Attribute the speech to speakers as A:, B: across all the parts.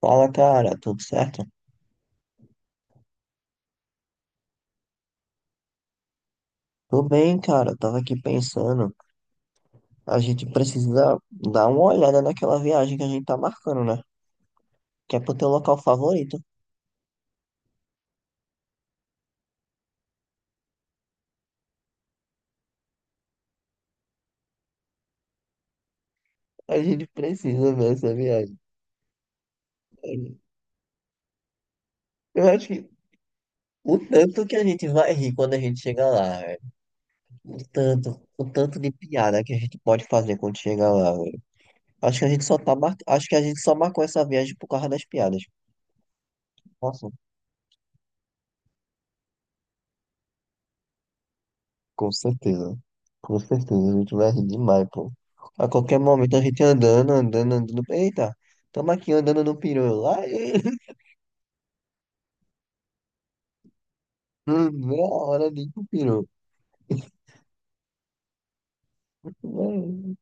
A: Fala, cara, tudo certo? Tô bem, cara. Tava aqui pensando, a gente precisa dar uma olhada naquela viagem que a gente tá marcando, né? Que é pro teu local favorito. A gente precisa ver essa viagem. Eu acho que o tanto que a gente vai rir quando a gente chegar lá, velho. O tanto de piada que a gente pode fazer quando chegar lá, velho. Acho que a gente só marcou essa viagem por causa das piadas. Nossa. Com certeza. Com certeza. A gente vai rir demais, pô. A qualquer momento a gente andando, andando, andando. Eita, tamo aqui andando no peru. Lá, não vê a hora de ir pro peru. Vai.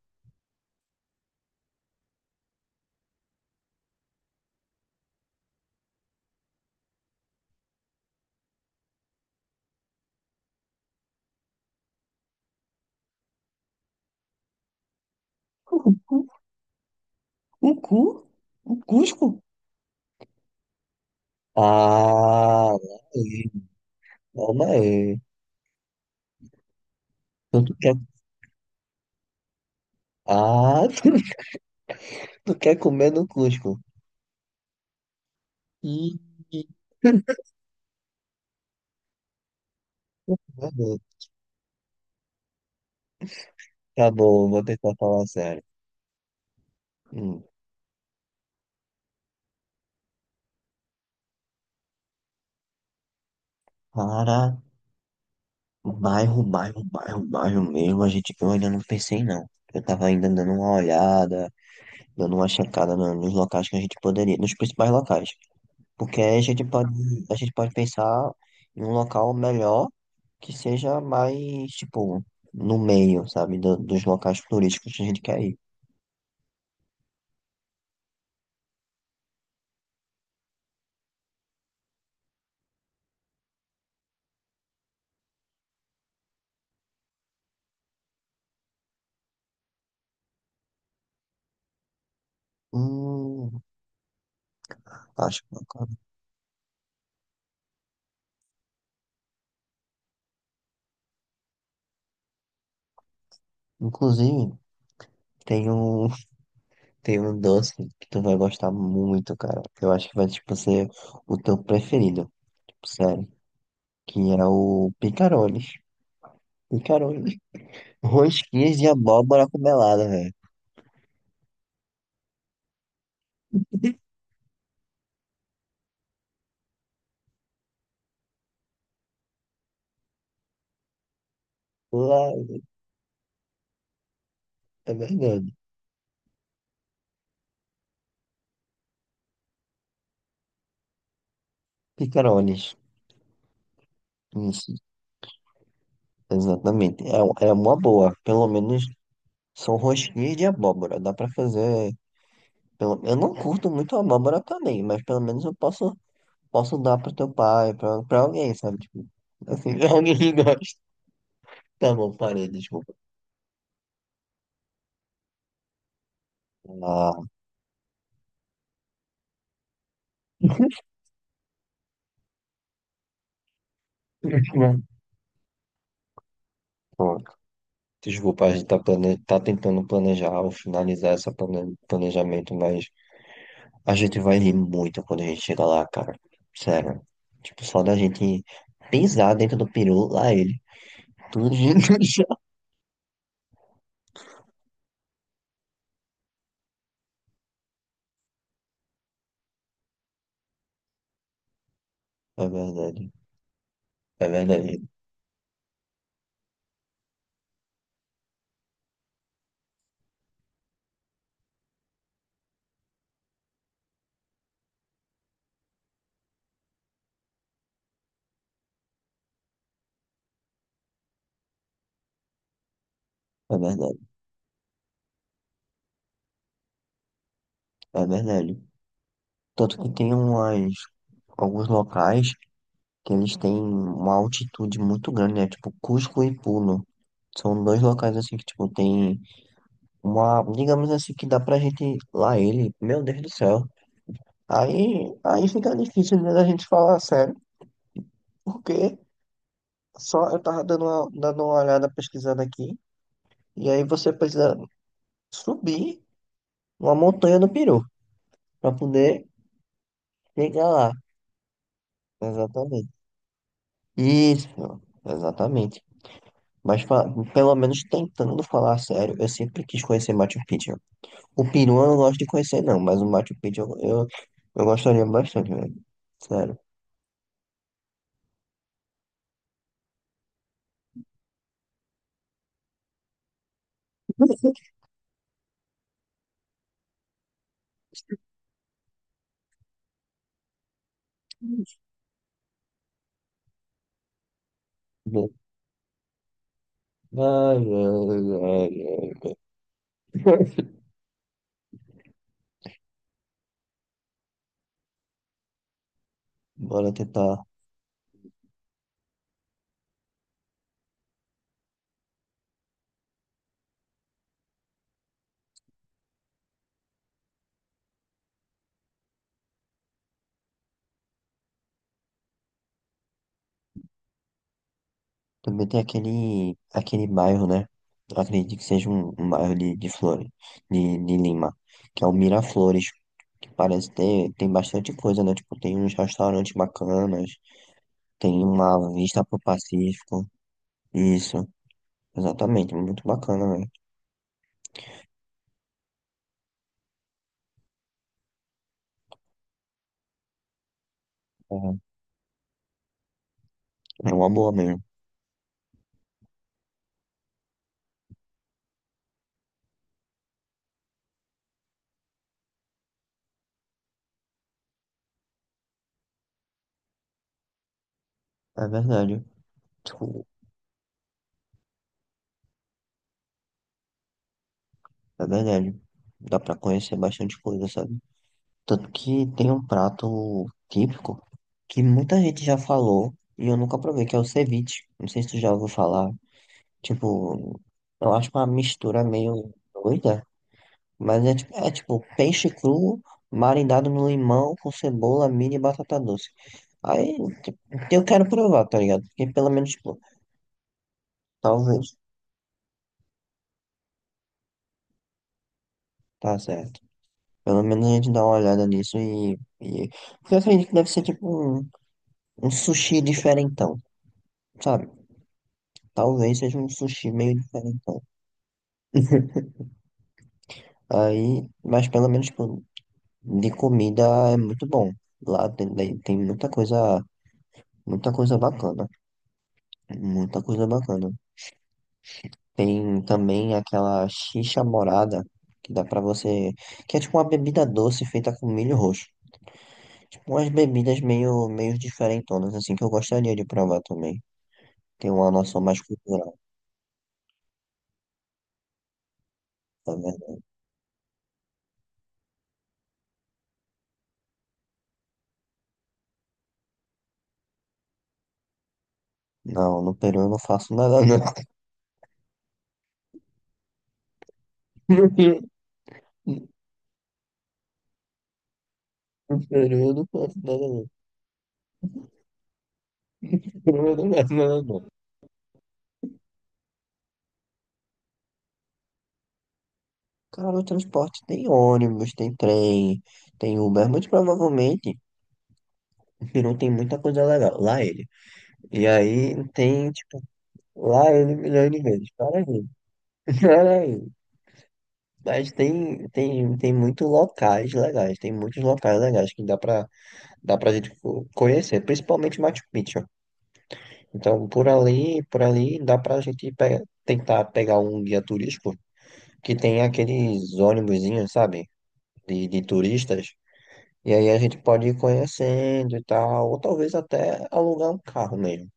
A: O cu? O Cusco? Ah, aí. Calma aí. Então tu quer... Ah, tu quer comer no Cusco. Ih, meu Deus. Tá bom, vou tentar falar sério. Hum. O bairro, bairro mesmo, a gente que eu ainda não pensei não. Eu tava ainda dando uma olhada, dando uma checada nos locais que a gente poderia, nos principais locais. Porque aí a gente pode pensar em um local melhor que seja mais, tipo, no meio, sabe, dos locais turísticos que a gente quer ir. Hum, Acho bacana. Inclusive, tem um, tem um doce que tu vai gostar muito, cara. Que eu acho que vai, tipo, ser o teu preferido. Tipo, sério. Que é o picarones. Picarones. Rosquinhas de abóbora com melada, velho. Lá, é verdade. Picarones. Isso, exatamente. É, é uma boa. Pelo menos são rosquinhas de abóbora. Dá pra fazer. Eu não curto muito abóbora também, mas pelo menos eu posso dar pro teu pai, pra alguém, sabe? Tipo, assim, alguém que gosta. Tá bom, parei, desculpa. Ah, pô, desculpa, a gente tá tentando planejar ou finalizar esse planejamento, mas a gente vai rir muito quando a gente chegar lá, cara. Sério. Tipo, só da gente pisar dentro do peru, lá ele. Tudo de já. É verdade. É verdade. É verdade. É verdade. Tanto que tem alguns locais que eles têm uma altitude muito grande, né? Tipo, Cusco e Puno. São dois locais assim que, tipo, tem uma, digamos assim, que dá pra gente lá ele. Meu Deus do céu. Aí fica difícil né, da gente falar sério, porque só eu tava dando uma olhada, pesquisando aqui, e aí você precisa subir uma montanha do Peru para poder chegar lá. Exatamente. Isso, exatamente. Mas pelo menos tentando falar sério, eu sempre quis conhecer Machu Picchu. O Peru eu não gosto de conhecer, não, mas o Machu Picchu eu gostaria bastante, velho. Sério. Ai, ai, ai, ai. Bora tentar. Também tem aquele bairro, né? Eu acredito que seja um bairro de Flores, de Lima, que é o Miraflores, que parece ter, tem bastante coisa, né? Tipo, tem uns restaurantes bacanas, tem uma vista pro Pacífico. Isso, exatamente, muito bacana, né? É, é uma boa mesmo. É verdade, tipo, é verdade. Dá pra conhecer bastante coisa, sabe? Tanto que tem um prato típico que muita gente já falou e eu nunca provei, que é o ceviche. Não sei se tu já ouviu falar. Tipo, eu acho uma mistura meio doida, mas é tipo peixe cru marinado no limão com cebola, milho e batata doce. Aí tipo, eu quero provar, tá ligado? Porque pelo menos, tipo, talvez. Tá certo. Pelo menos a gente dá uma olhada nisso e... Porque eu acredito que deve ser tipo um sushi diferentão, sabe? Talvez seja um sushi meio diferentão. Aí, mas pelo menos, tipo, de comida é muito bom. Lá tem muita coisa bacana. Muita coisa bacana. Tem também aquela xixa morada, que dá pra você. Que é tipo uma bebida doce feita com milho roxo. Tipo umas bebidas meio diferentonas, assim, que eu gostaria de provar também. Tem uma noção mais cultural, tá vendo? Não, no Peru eu não faço nada, não. No Peru eu não faço nada. Não, não, não, não. Cara, no transporte tem ônibus, tem trem, tem Uber. Muito provavelmente o Peru tem muita coisa legal. Lá ele. E aí tem, tipo, lá ele milhões de vezes. Para aí, para aí. Mas tem muitos locais legais. Tem muitos locais legais que dá pra gente conhecer. Principalmente Machu Picchu. Então, por ali, dá pra gente tentar pegar um guia turístico que tem aqueles ônibusinhos, sabe? De turistas. E aí a gente pode ir conhecendo e tal, ou talvez até alugar um carro mesmo,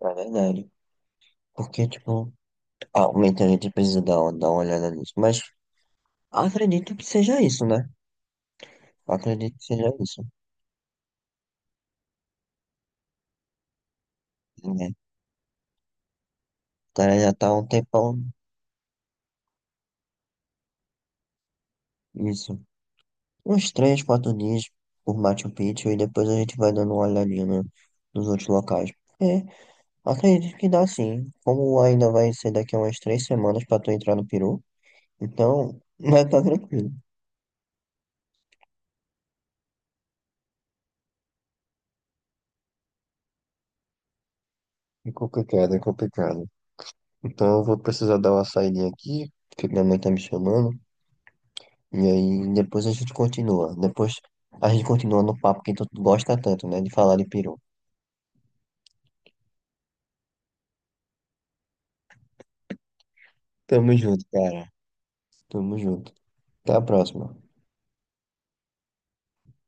A: na verdade. Porque, tipo, realmente a gente precisa dar uma olhada nisso. Mas acredito que seja isso, né? Acredito que seja isso, né? O cara já tá há um tempão. Isso. Uns 3, 4 dias por Machu Picchu e depois a gente vai dando uma olhadinha nos outros locais. É, acredito que dá sim. Como ainda vai ser daqui a umas 3 semanas pra tu entrar no Peru, então vai estar tranquilo. É complicado, é complicado. Então eu vou precisar dar uma saída aqui, porque minha mãe tá me chamando. E aí depois a gente continua. Depois a gente continua no papo que tu gosta tanto, né? De falar de peru. Tamo junto, cara. Tamo junto. Até a próxima.